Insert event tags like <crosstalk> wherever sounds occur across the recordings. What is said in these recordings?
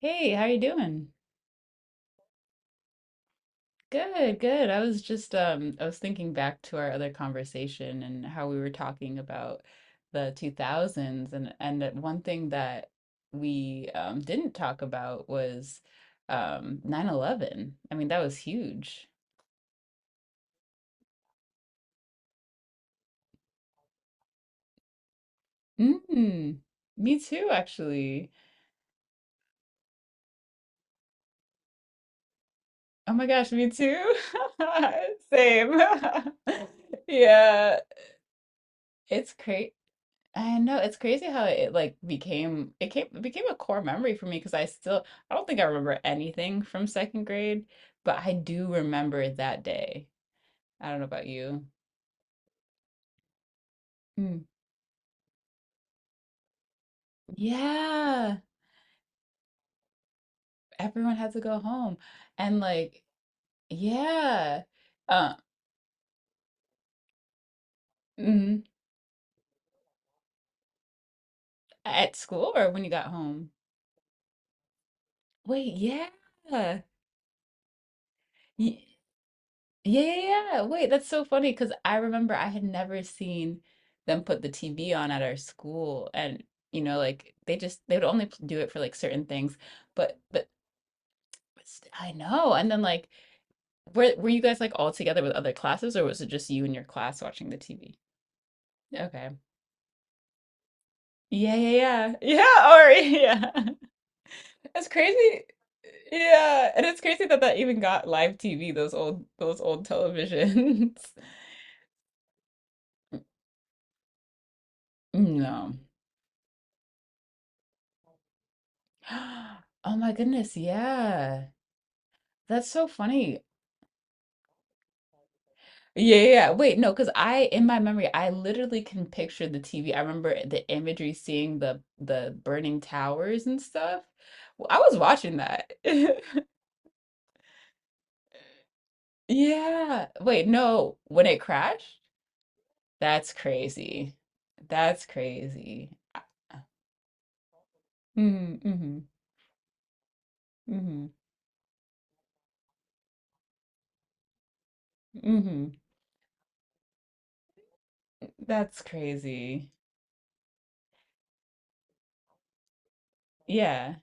Hey, how you doing? Good, good. I was just I was thinking back to our other conversation and how we were talking about the 2000s and that one thing that we didn't talk about was 9/11. I mean, that was huge. Mm, me too, actually. Oh my gosh, me too. <laughs> Same. <laughs> Yeah, it's crazy. I know it's crazy how it like became it came it became a core memory for me because I don't think I remember anything from second grade, but I do remember that day. I don't know about you. Mm. Yeah, everyone had to go home, and like yeah, uh, mm, at school or when you got home. Wait, yeah, yeah, yeah, yeah. Wait, that's so funny because I remember I had never seen them put the TV on at our school, and you know, like they would only do it for like certain things. But but but I know. And then like, were you guys like all together with other classes, or was it just you and your class watching the TV? Okay. Yeah, yeah, yeah, yeah. Or <laughs> yeah, it's crazy. Yeah, and it's crazy that that even got live TV. Those old televisions. <laughs> No. <gasps> Oh my goodness, yeah. That's so funny. Yeah, yeah, yeah. Wait, no, because I in my memory, I literally can picture the TV. I remember the imagery, seeing the burning towers and stuff. Well, I was watching that. <laughs> Yeah. Wait, no, when it crashed? That's crazy. That's crazy. Mm, mm-hmm, mm-hmm, mm-hmm. That's crazy. Yeah.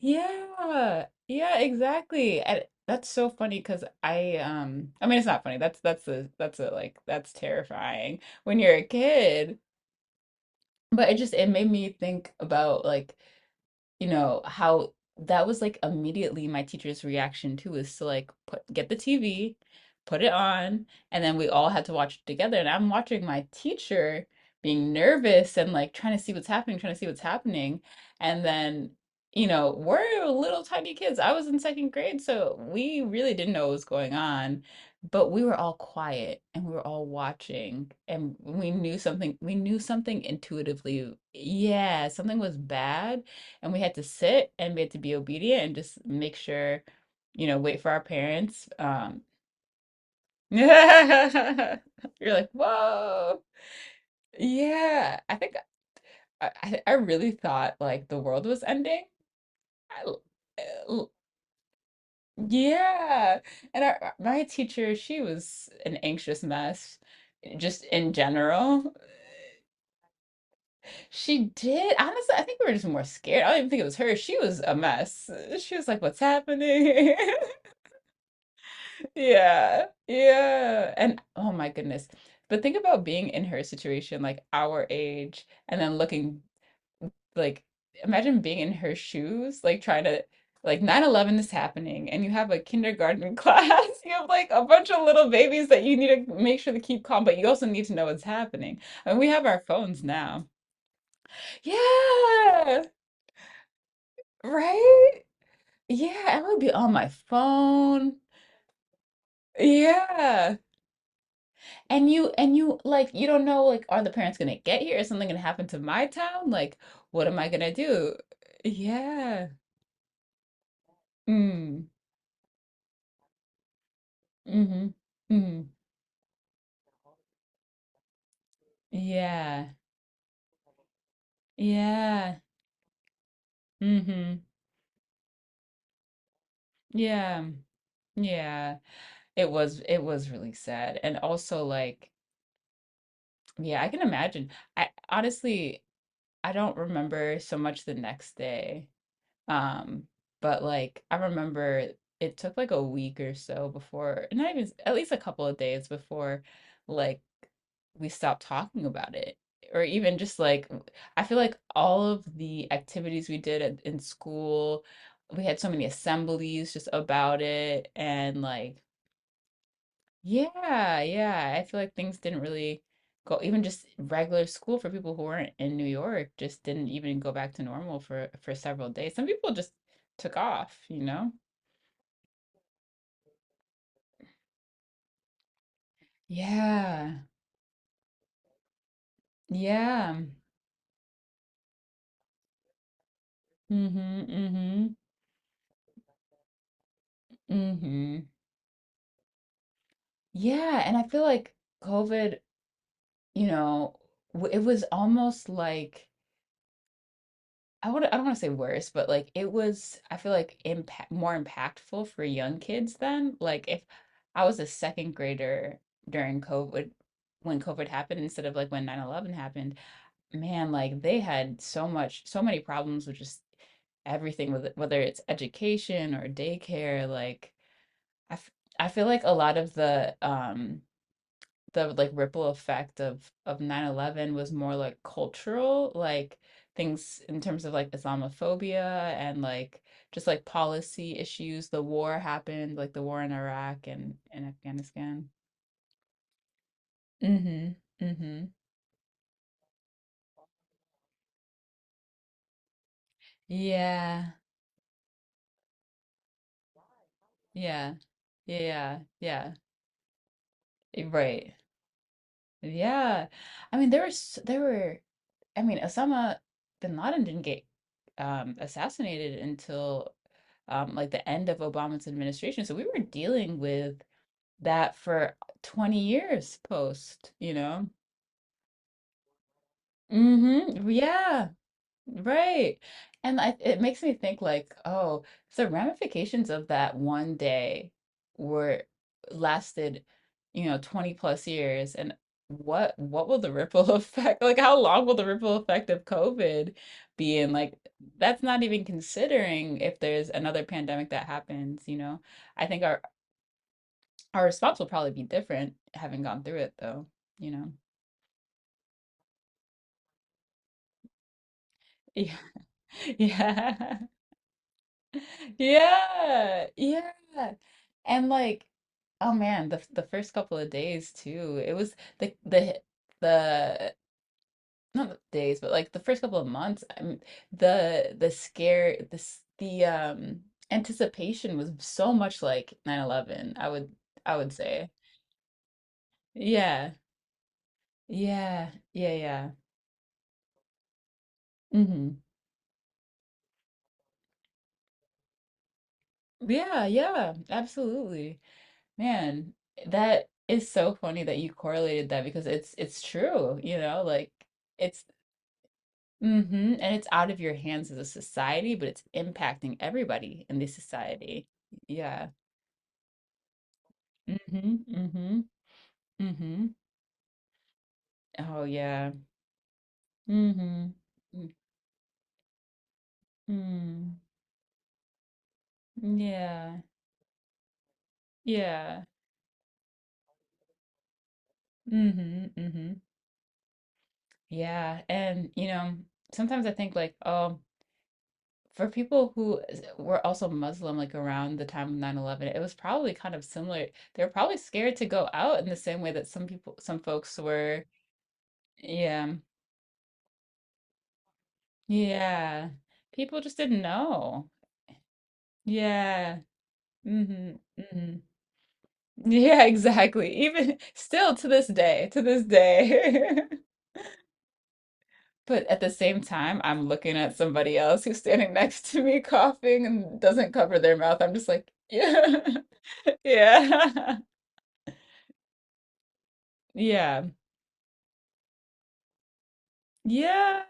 Yeah, yeah, exactly. And that's so funny because I mean it's not funny. That's a like that's terrifying when you're a kid. But it just it made me think about like you know, how that was like immediately my teacher's reaction too is to like put get the TV, put it on, and then we all had to watch it together. And I'm watching my teacher being nervous and like trying to see what's happening, trying to see what's happening. And then, you know, we're little tiny kids. I was in second grade, so we really didn't know what was going on, but we were all quiet and we were all watching and we knew something intuitively. Yeah, something was bad and we had to sit and we had to be obedient and just make sure, you know, wait for our parents. <laughs> You're like, whoa, yeah. I think I really thought like the world was ending. I l- I l- yeah, and my teacher, she was an anxious mess, just in general. She did. Honestly, I think we were just more scared. I don't even think it was her. She was a mess. She was like, what's happening? <laughs> Yeah, yeah. And oh my goodness. But think about being in her situation, like our age, and then looking like imagine being in her shoes, like trying to like 9/11 is happening and you have a kindergarten <laughs> class. You have like a bunch of little babies that you need to make sure to keep calm, but you also need to know what's happening. I mean, we have our phones now. Yeah, right? Yeah, I would be on my phone. Yeah. And you like you don't know like are the parents gonna get here? Is something gonna happen to my town? Like what am I gonna do? Yeah. Mm. Mm-hmm. Mm. Yeah. Yeah. Mm-hmm. Yeah. Yeah. It was really sad. And also like yeah, I can imagine. I honestly I don't remember so much the next day. Um, but like I remember it took like a week or so before, not even at least a couple of days before like we stopped talking about it. Or even just like I feel like all of the activities we did in school, we had so many assemblies just about it and like yeah, yeah. I feel like things didn't really go, even just regular school for people who weren't in New York just didn't even go back to normal for several days. Some people just took off, you know? Yeah. Yeah. Mm-hmm. Mm-hmm. Mm-hmm. Yeah, and I feel like COVID, you know, it was almost like I don't want to say worse, but like it was I feel like impact more impactful for young kids then. Like if I was a second grader during COVID when COVID happened instead of like when 9/11 happened, man, like they had so many problems with just everything with whether it's education or daycare, like I f I feel like a lot of the like ripple effect of 9/11 was more like cultural, like things in terms of like Islamophobia and like just like policy issues. The war happened, like the war in Iraq and Afghanistan. Mm-hmm. Mm-hmm. Yeah. Yeah. Yeah. Yeah. Right. Yeah. I mean, there were I mean, Osama bin Laden didn't get assassinated until like the end of Obama's administration. So we were dealing with that for 20 years post, you know? Mm-hmm. Yeah. Right. It makes me think like, oh, the ramifications of that one day were lasted, you know, 20 plus years. And what will the ripple <laughs> effect, like how long will the ripple effect of COVID be? And like that's not even considering if there's another pandemic that happens, you know. I think our response will probably be different having gone through it though, you know. <laughs> Yeah. Yeah. <laughs> Yeah, yeah. And like, oh man, the first couple of days too. It was the not the days, but like the first couple of months, I mean, the scare this the s- the, anticipation was so much like 9/11. I would say. Yeah. Yeah. Yeah, yeah. Mm-hmm. Yeah, yeah, absolutely. Man, that is so funny that you correlated that because it's true, you know, like it's mm-hmm, and it's out of your hands as a society, but it's impacting everybody in this society. Yeah. Mm-hmm. Mm-hmm. Mm-hmm. Oh yeah. Mm-hmm. Mm-hmm. Yeah. Yeah. Mm-hmm. Mm-hmm. Yeah. And you know, sometimes I think like, oh, for people who were also Muslim, like around the time of 9/11, it was probably kind of similar. They were probably scared to go out in the same way that some people, some folks were. Yeah. Yeah. People just didn't know. Yeah. Mm-hmm. Mm-hmm. Yeah, exactly. Even <laughs> still to this day, to this day. <laughs> But at the same time, I'm looking at somebody else who's standing next to me coughing and doesn't cover their mouth. I'm just like, yeah, <laughs> yeah. <laughs> Yeah, yeah,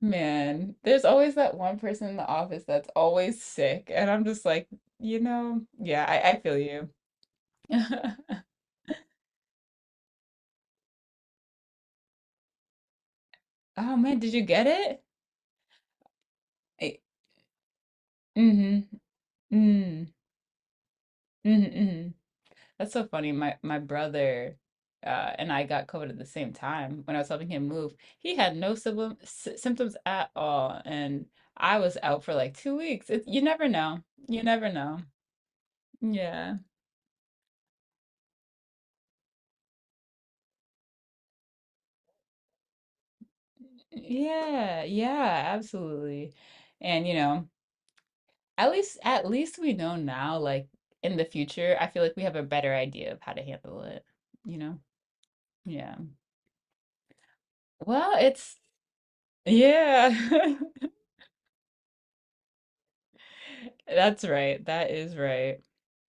man. There's always that one person in the office that's always sick, and I'm just like, you know, yeah, I feel you. <laughs> Oh man, did you get it? I, mm-hmm. Mm, mm-hmm, mm That's so funny. My brother uh, and I got COVID at the same time when I was helping him move. He had no symptoms at all, and I was out for like 2 weeks. It, you never know. You never know. Yeah. Yeah, yeah, absolutely. And you know, at least we know now, like in the future, I feel like we have a better idea of how to handle it, you know? Yeah. Well, it's yeah. <laughs> That's right. That is right.